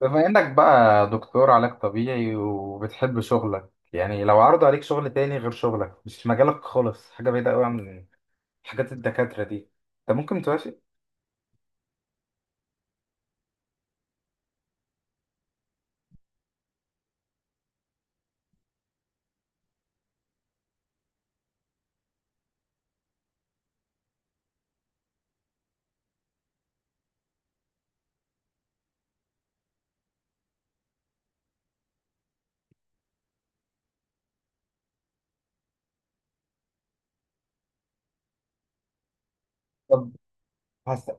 بما انك بقى دكتور علاج طبيعي وبتحب شغلك، يعني لو عرضوا عليك شغل تاني غير شغلك، مش في مجالك خالص، حاجة بعيدة قوي عن حاجات الدكاترة دي، انت ممكن توافق؟ طب هس...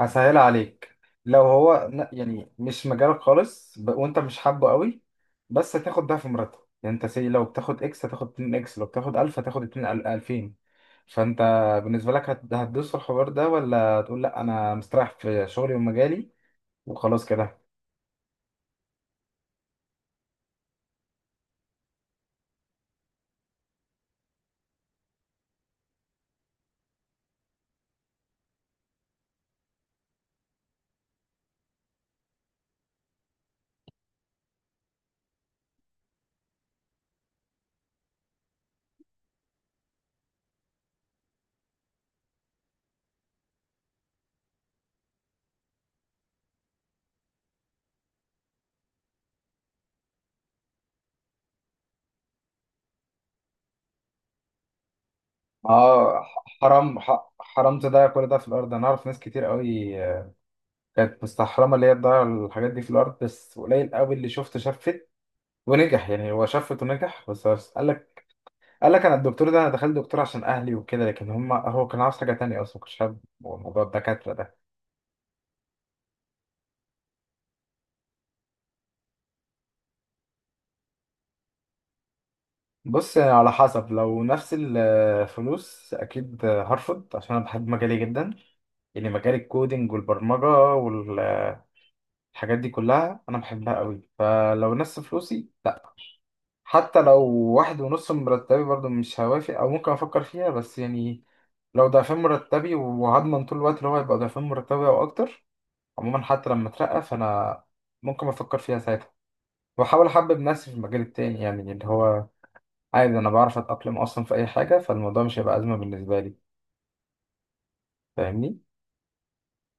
هسهلها عليك. لو هو يعني مش مجالك خالص وانت مش حابه قوي، بس هتاخد ضعف مرتب. يعني انت سي، لو بتاخد اكس هتاخد 2 اكس، لو بتاخد 1000 هتاخد 2 2000. فانت بالنسبة لك هتدوس في الحوار ده، ولا تقول لا انا مستريح في شغلي ومجالي وخلاص كده؟ اه، حرام حرام تضيع كل ده في الارض، انا اعرف ناس كتير قوي كانت مستحرمه اللي هي تضيع الحاجات دي في الارض. بس قليل قوي اللي شفت ونجح، يعني هو شفت ونجح. بس قال لك انا الدكتور ده، انا دخلت دكتور عشان اهلي وكده، لكن هو كان عاوز حاجه تانية، اصلا كنت حابب موضوع الدكاتره ده. بص، على حسب، لو نفس الفلوس اكيد هرفض، عشان انا بحب مجالي جدا. يعني مجال الكودينج والبرمجه والحاجات دي كلها انا بحبها قوي. فلو نفس فلوسي، حتى لو واحد ونص من مرتبي، برضو مش هوافق، او ممكن افكر فيها بس يعني. لو ضعفين مرتبي وهضمن طول الوقت اللي هو هيبقى ضعفين مرتبي او اكتر، عموما حتى لما اترقى فانا ممكن افكر فيها ساعتها، واحاول احبب نفسي في المجال التاني، يعني اللي هو عادي، انا بعرف اتاقلم اصلا في اي حاجه، فالموضوع مش هيبقى ازمه بالنسبه لي، فاهمني؟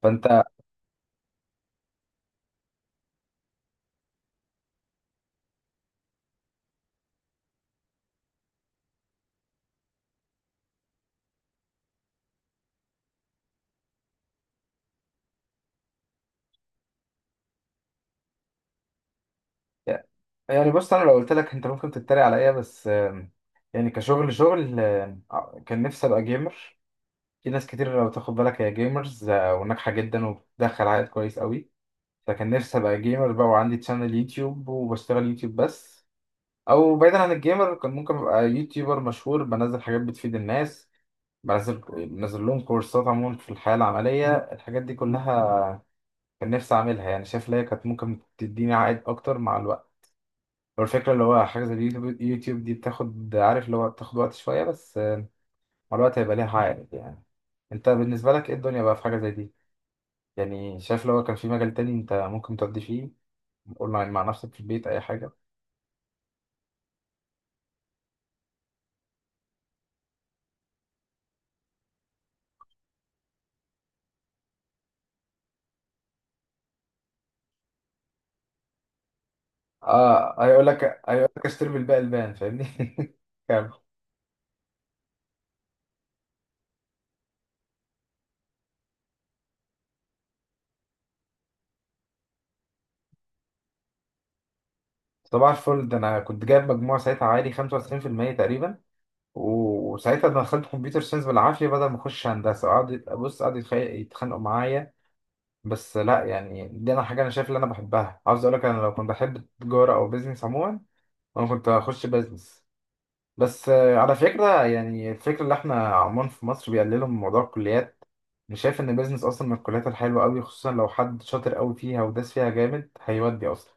فانت. يعني بص، انا لو قلت لك انت ممكن تتريق عليا، بس يعني كشغل شغل، كان نفسي ابقى جيمر. في ناس كتير لو تاخد بالك هي جيمرز، وناجحة جدا وبتدخل عائد كويس قوي. فكان نفسي أبقى جيمر بقى، وعندي تشانل يوتيوب وبشتغل يوتيوب بس. أو بعيدا عن الجيمر، كان ممكن أبقى يوتيوبر مشهور، بنزل حاجات بتفيد الناس، بنزل بنزل لهم كورسات عموما في الحياة العملية، الحاجات دي كلها كان نفسي أعملها. يعني شايف إن هي كانت ممكن تديني عائد أكتر مع الوقت. هو الفكرة اللي هو حاجة زي اليوتيوب دي بتاخد، عارف اللي هو بتاخد وقت شوية، بس مع الوقت هيبقى ليها عائد يعني. أنت بالنسبة لك إيه الدنيا بقى في حاجة زي دي؟ يعني شايف لو كان في مجال تاني أنت ممكن تقضي فيه، قول مع نفسك في البيت أي حاجة. آه، هيقول لك اشتري بالباقي البان، فاهمني. كمل. صباح الفل، ده أنا كنت جايب مجموع ساعتها عالي 95% تقريبا، وساعتها انا دخلت كمبيوتر ساينس بالعافية بدل ما أخش هندسة، قعد بص قعد يتخانقوا معايا. بس لا، يعني دي أنا حاجة أنا شايف اللي أنا بحبها، عاوز أقول لك أنا لو كنت بحب التجارة أو بيزنس عموما أنا كنت هخش بيزنس. بس على فكرة يعني، الفكرة اللي احنا عموما في مصر بيقللوا من موضوع الكليات، مش شايف ان بيزنس اصلا من الكليات الحلوة قوي، خصوصا لو حد شاطر قوي فيها وداس فيها جامد هيودي اصلا.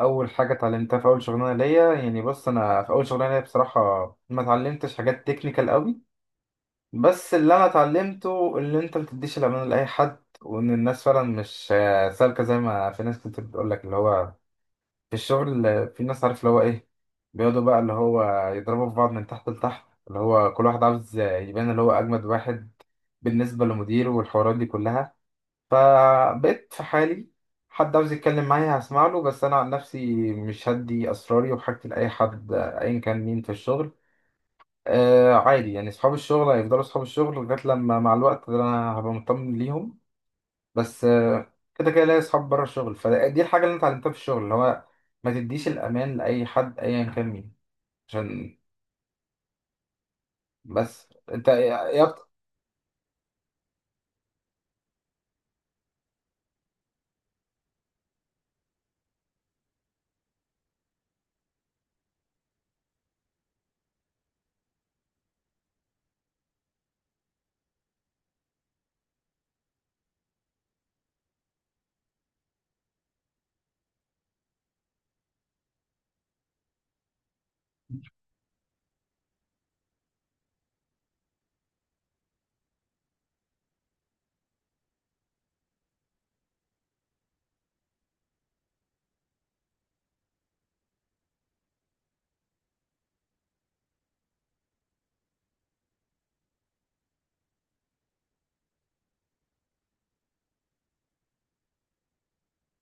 اول حاجة اتعلمتها في اول شغلانة ليا، يعني بص، انا في اول شغلانة ليا بصراحة ما اتعلمتش حاجات تكنيكال قوي. بس اللي انا اتعلمته، اللي انت ما تديش الامان لاي حد، وان الناس فعلا مش سالكة زي ما في ناس كتير بتقول لك اللي هو في الشغل، في ناس عارف اللي هو ايه، بيقعدوا بقى اللي هو يضربوا في بعض من تحت لتحت، اللي هو كل واحد عاوز يبان اللي هو اجمد واحد بالنسبه لمديره والحوارات دي كلها. فبقيت في حالي، حد عاوز يتكلم معايا هسمع له، بس انا عن نفسي مش هدي اسراري وحاجتي لاي حد ايا كان مين في الشغل. آه، عادي يعني، اصحاب الشغل هيفضلوا اصحاب الشغل لغايه لما مع الوقت انا هبقى مطمن ليهم. بس كده كده ليا اصحاب بره الشغل. فدي الحاجه اللي انت اتعلمتها في الشغل اللي هو ما تديش الامان لاي حد ايا كان مين، عشان. بس انت يا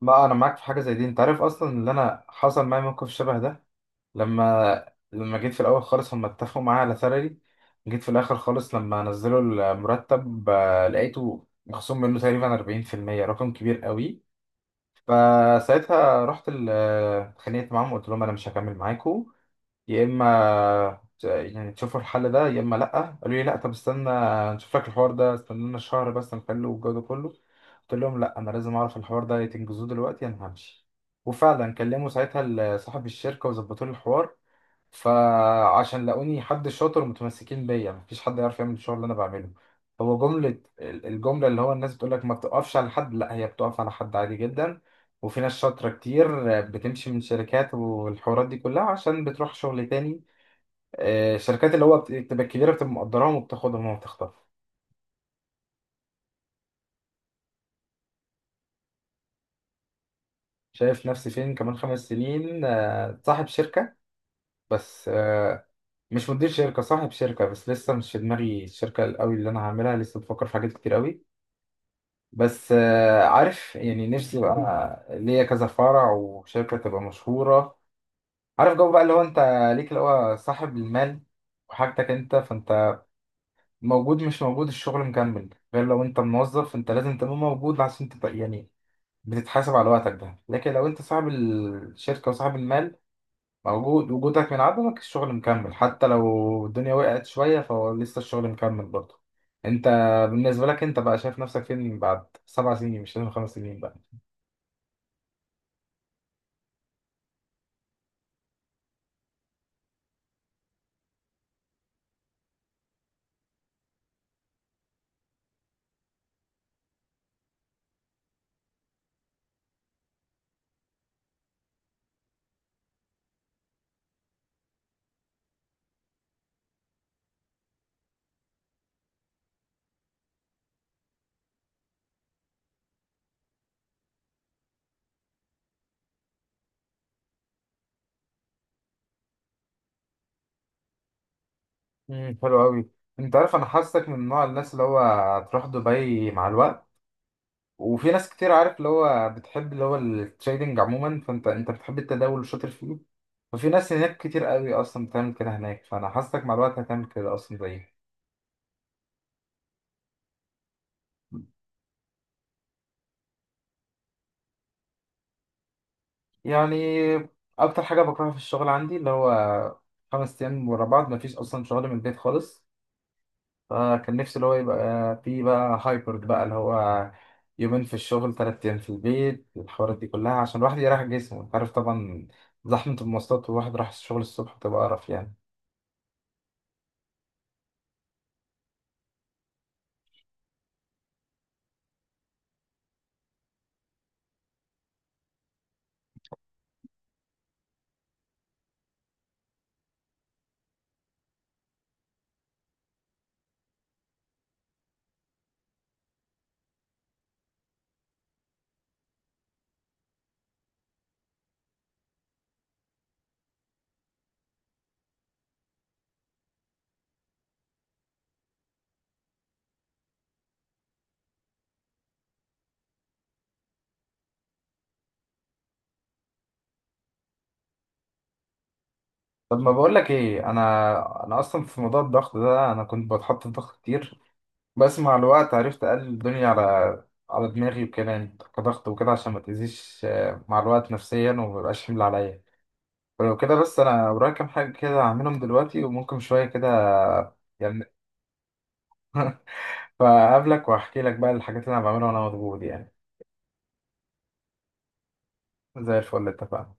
ما انا معاك في حاجه زي دي، انت عارف اصلا ان انا حصل معايا موقف شبه ده. لما جيت في الاول خالص هم اتفقوا معايا على سالري. جيت في الاخر خالص لما نزلوا المرتب، لقيته مخصوم منه تقريبا 40%، رقم كبير قوي. فساعتها رحت اتخانقت معاهم وقلت لهم انا مش هكمل معاكم، يا اما يعني تشوفوا الحل ده يا اما لا. قالوا لي لا، طب استنى نشوف لك الحوار ده، استنى لنا شهر بس نحله والجو ده كله. قلت لهم لا، انا لازم اعرف الحوار ده، يا تنجزوه دلوقتي يا انا همشي. وفعلا كلموا ساعتها صاحب الشركه وظبطوا لي الحوار. فعشان لاقوني حد شاطر متمسكين بيا، مفيش حد يعرف يعمل الشغل اللي انا بعمله. هو جملة، الجملة اللي هو الناس بتقول لك ما بتقفش على حد، لا هي بتقف على حد عادي جدا. وفي ناس شاطرة كتير بتمشي من شركات والحوارات دي كلها عشان بتروح شغل تاني، شركات اللي هو بتبقى كبيرة، بتبقى مقدراهم وبتاخدهم وبتخطف. شايف نفسي فين كمان خمس سنين؟ صاحب شركة. بس مش مدير شركة، صاحب شركة. بس لسه مش في دماغي الشركة قوي اللي أنا هعملها، لسه بفكر في حاجات كتير قوي. بس عارف يعني نفسي بقى ليا كذا فرع وشركة تبقى مشهورة. عارف جو بقى اللي هو انت ليك اللي هو صاحب المال وحاجتك انت، فانت موجود مش موجود الشغل مكمل. غير لو انت موظف فانت لازم تبقى موجود عشان تبقى يعني بتتحاسب على وقتك ده، لكن لو انت صاحب الشركة وصاحب المال، موجود وجودك من عدمك الشغل مكمل، حتى لو الدنيا وقعت شوية فهو لسه الشغل مكمل برضه. انت بالنسبة لك انت بقى، شايف نفسك فين بعد سبع سنين؟ مش لازم خمس سنين بقى. امم، حلو قوي. انت عارف انا حاسك من نوع الناس اللي هو هتروح دبي مع الوقت، وفي ناس كتير عارف اللي هو بتحب اللي هو التريدنج عموما، فانت بتحب التداول وشاطر فيه، ففي ناس هناك كتير قوي اصلا بتعمل كده هناك، فانا حاسك مع الوقت هتعمل كده اصلا زيي. يعني اكتر حاجه بكرهها في الشغل عندي اللي هو خمس ايام ورا بعض، مفيش اصلا شغل من البيت خالص. فكان نفسي اللي هو يبقى في بقى هايبرد بقى، اللي هو يومين في الشغل تلات أيام في البيت الحوارات دي كلها، عشان الواحد يريح جسمه. أنت عارف طبعا زحمة المواصلات، والواحد راح الشغل الصبح بتبقى قرف يعني. طب ما بقول لك ايه، انا اصلا في موضوع الضغط ده انا كنت بتحط في ضغط كتير. بس مع الوقت عرفت اقلل الدنيا على دماغي وكده يعني، كضغط وكده، عشان ما تأذيش مع الوقت نفسيا وما يبقاش حمل عليا. ولو كده بس، انا ورايا كام حاجه كده هعملهم دلوقتي، وممكن شويه كده يعني. فقابلك واحكي لك بقى الحاجات اللي انا بعملها وانا مضغوط يعني. زي الفل، اتفقنا.